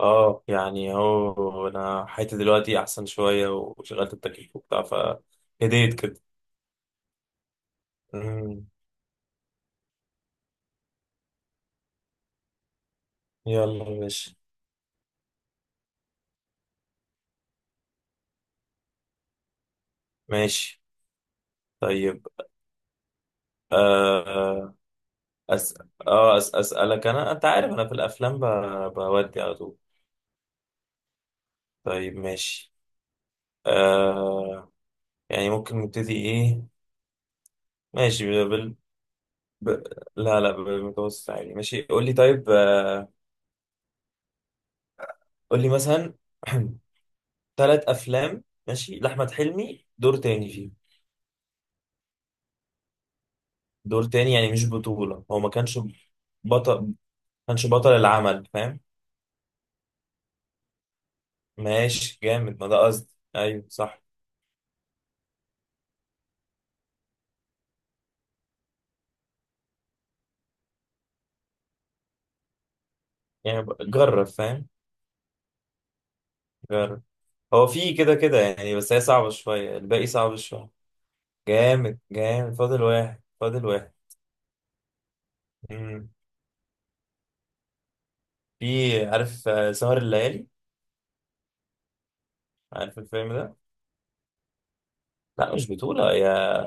اه، يعني هو انا حياتي دلوقتي احسن شويه وشغلت التكييف وبتاع فهديت كده. أمم. يلا ماشي. ماشي. طيب. آه. أس... اسالك انا، انت عارف انا في الافلام بودي على طول. طيب ماشي. آه يعني ممكن نبتدي ايه؟ ماشي ب... لا لا، بالمتوسط عادي ماشي، قول لي طيب. قول لي مثلا ثلاث افلام ماشي لاحمد حلمي دور تاني فيه. دور تاني يعني مش بطولة، هو ما كانش بطل العمل فاهم. ماشي جامد، ما ده قصدي، ايوه صح. يعني جرب فاهم، جرب. هو في كده كده يعني، بس هي صعبة شوية، الباقي صعب شوية. جامد جامد، فاضل واحد فاضل واحد. مم. في عارف، سهر الليالي، عارف الفيلم ده؟ لا مش بطولة يا.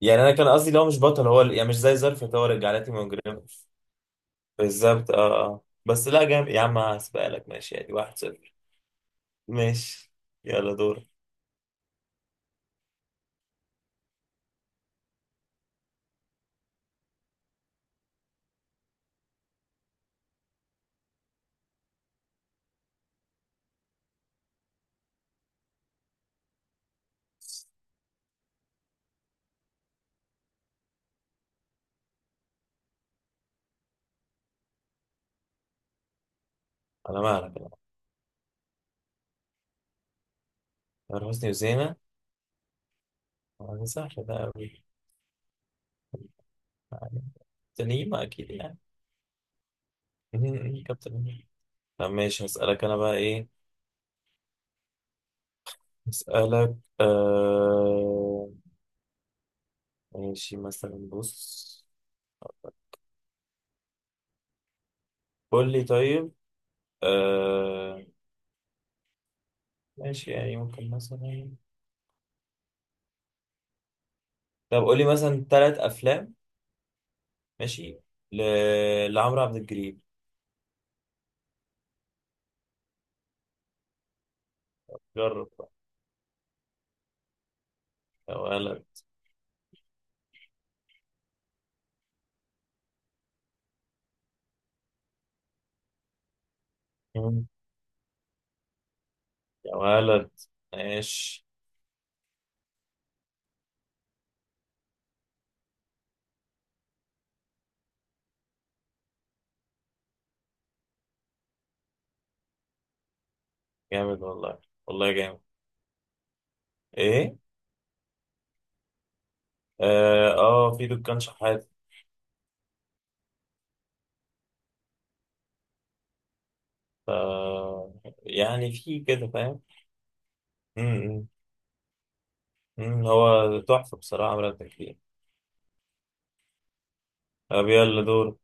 يعني انا كان قصدي لو مش بطل، هو يعني مش زي ظرف، هو رجعلاتي مجرمة. بالظبط اه اه، بس لا جامد يا عم، هسبقلك ماشي يعني 1-0. ماشي، يلا دور. على مالك لا. تامر حسني وزينة، سهلة ده أوي يعني، تنيمة أكيد يعني. كابتن هيما. طب ماشي هسألك أنا بقى إيه. هسألك آه... ماشي مثلا، بص قول لي طيب. آه... ماشي يعني ممكن مثلا، طب قول لي مثلا ثلاث أفلام ماشي ل... لعمرو عبد الجليل. جرب بقى. يا ولد. مم. يا ولد. ماشي جامد والله، والله جامد. إيه؟ في دكان شحات. آه يعني في كده فاهم. م- م- م، هو تحفة بصراحة عملت تكفير. طب يلا دور.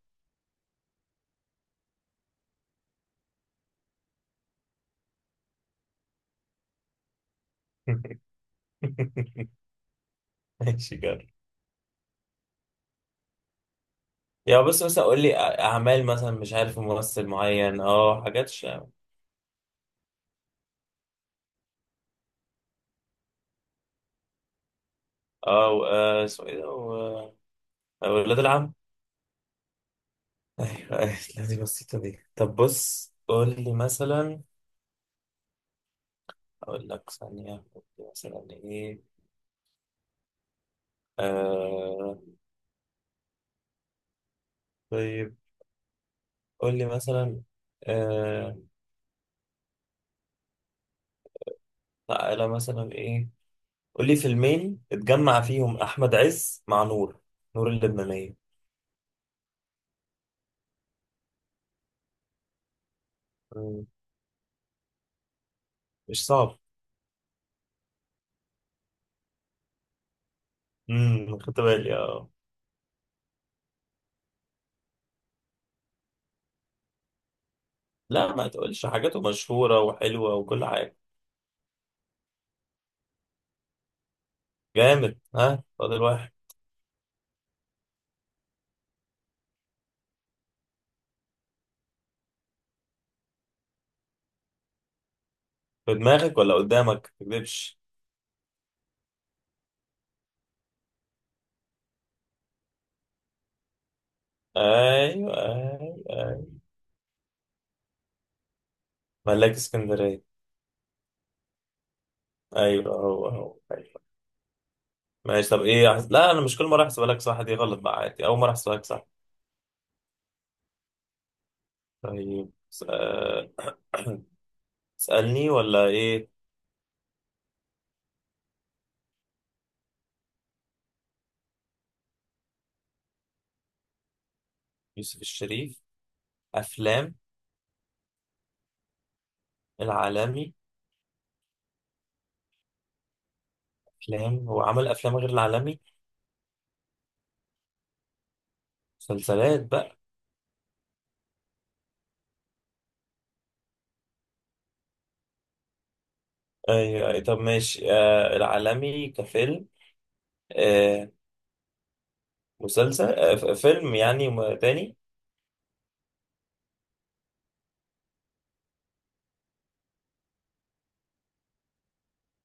ماشي كده. يا بس مثلا قول لي أعمال، مثلا مش عارف ممثل معين، اه حاجات ش... اه اسمه ايه ده. ولاد العم. ايوه أيوة، لا دي بسيطة دي. طب بص قول لي مثلا، اقول لك ثانية قول لي مثلا ايه. آه... طيب قول لي مثلا، آه، تعالى مثلا ايه. قول لي فيلمين اتجمع فيهم احمد عز مع نور اللبنانيه. مم. مش صعب. خدت بالي اه. لا ما تقولش، حاجاته مشهوره وحلوه وكل حاجه. جامد ها، فاضل واحد. في دماغك ولا قدامك ما تكذبش. ايوه ايوه ايوه، ملاك اسكندريه. ايوه هو هو ايوه. ماشي طب ايه لا انا مش كل مره احسبها لك صح، دي غلط بقى عادي، اول مره احسبها لك صح. طيب اسالني ولا ايه؟ يوسف الشريف. افلام؟ العالمي. افلام، هو عمل افلام غير العالمي؟ مسلسلات بقى. ايوه أيوه. طب ماشي العالمي كفيلم. آه فيلم يعني تاني.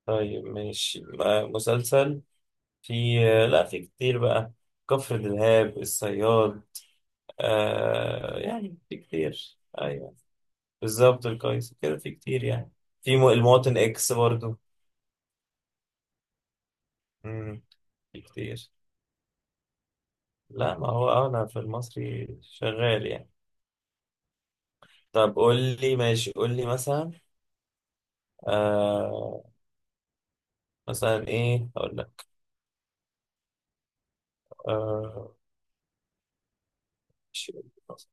طيب ماشي مسلسل. في. لا في كتير بقى، كفر دلهاب الصياد. يعني في كتير ايوه. بالظبط القيس كده، في كتير يعني. في المواطن اكس برضو. مم، في كتير. لا ما هو انا في المصري شغال يعني. طب قول لي ماشي، قول لي مثلا. آه مثلا ايه اقول لك؟ آه ماشي، قول لي مثلاً.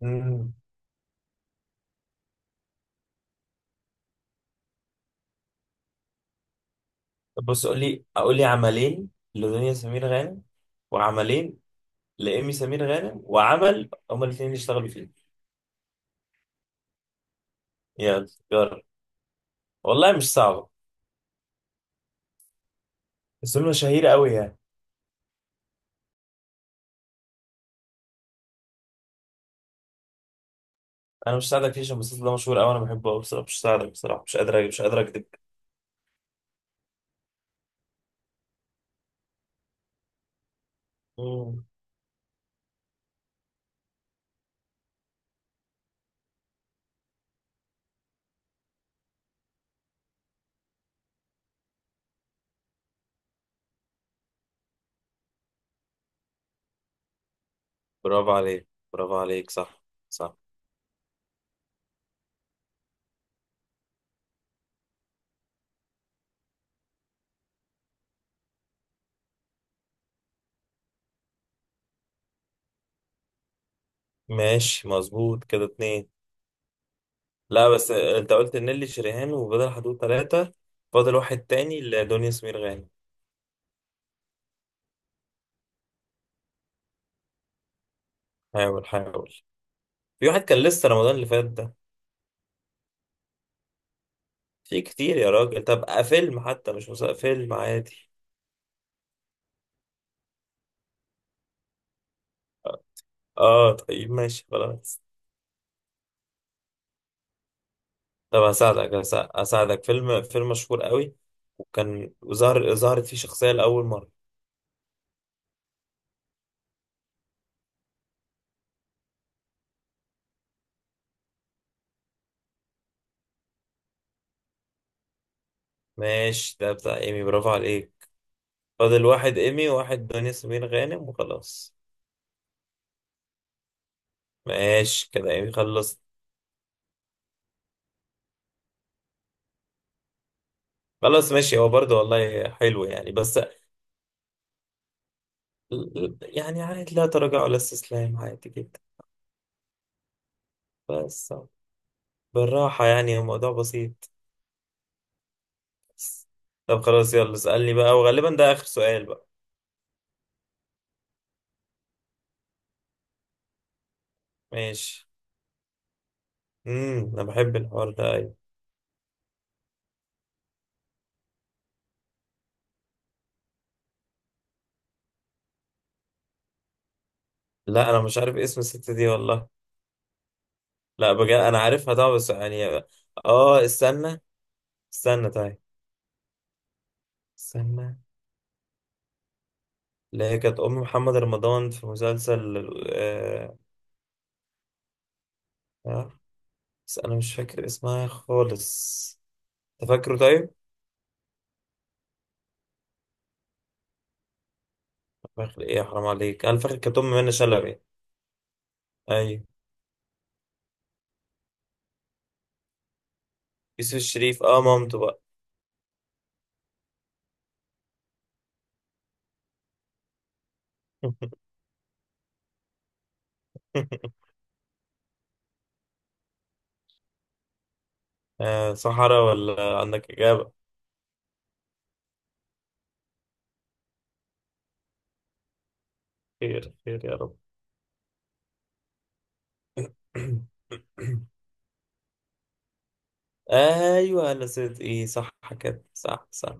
مم. طب بص قول لي، اقول لي عملين لدنيا سمير غانم، وعملين لإيمي سمير غانم، وعمل هما الاثنين اللي اشتغلوا فيه. يلا جرب، والله مش صعبة، بس دول مشاهير قوي يعني. انا مش ساعدك فيه عشان المسلسل ده مشهور قوي، انا بحبه قوي بصراحة، مش ساعدك بصراحة، مش قادر مش قادر اكدب. مم. برافو عليك، برافو عليك صح. صح. ماشي مظبوط كده اتنين. لا بس انت قلت نيلي شريهان وبدر حدود ثلاثة، فاضل واحد تاني لدنيا سمير غانم. حاول حاول. في واحد كان لسه رمضان اللي فات ده. في كتير يا راجل، طب فيلم حتى مش مسلسل، فيلم عادي. اه طيب ماشي خلاص. طب هساعدك، هساعدك فيلم، فيلم مشهور قوي، وكان ظهرت فيه شخصية لأول مرة. ماشي ده بتاع ايمي، برافو عليك. فاضل واحد ايمي وواحد دنيا سمير غانم وخلاص. ماشي كده، ايمي خلصت. خلاص ماشي، هو برضه والله حلو يعني بس. يعني عادي، لا تراجع ولا استسلام، عادي جدا. بس بالراحة يعني، الموضوع بسيط. بس. طب خلاص يلا اسألني بقى، وغالبا ده آخر سؤال بقى. ماشي. انا بحب الحوار ده أيوة. لا انا مش عارف اسم الست دي والله. لا بجد انا عارفها طبعا، بس يعني. اه استنى. استنى طيب. استنى. اللي هي كانت ام محمد رمضان في مسلسل. آه... آه، بس انا مش فاكر اسمها خالص. انت فاكره طيب؟ فاكر ايه يا حرام عليك، انا فاكر كانت ام منى شلبي. ايوه، يوسف الشريف مامته بقى. صحراء ولا عندك إجابة؟ خير خير يا رب. ايوه لا، صدق ايه صح. كده صح صح.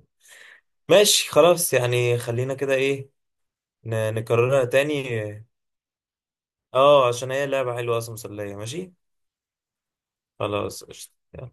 ماشي خلاص يعني، خلينا كده ايه. نكررها تاني. اه عشان هي لعبة حلوة اصلا، مسلية ماشي. خلاص قشطة.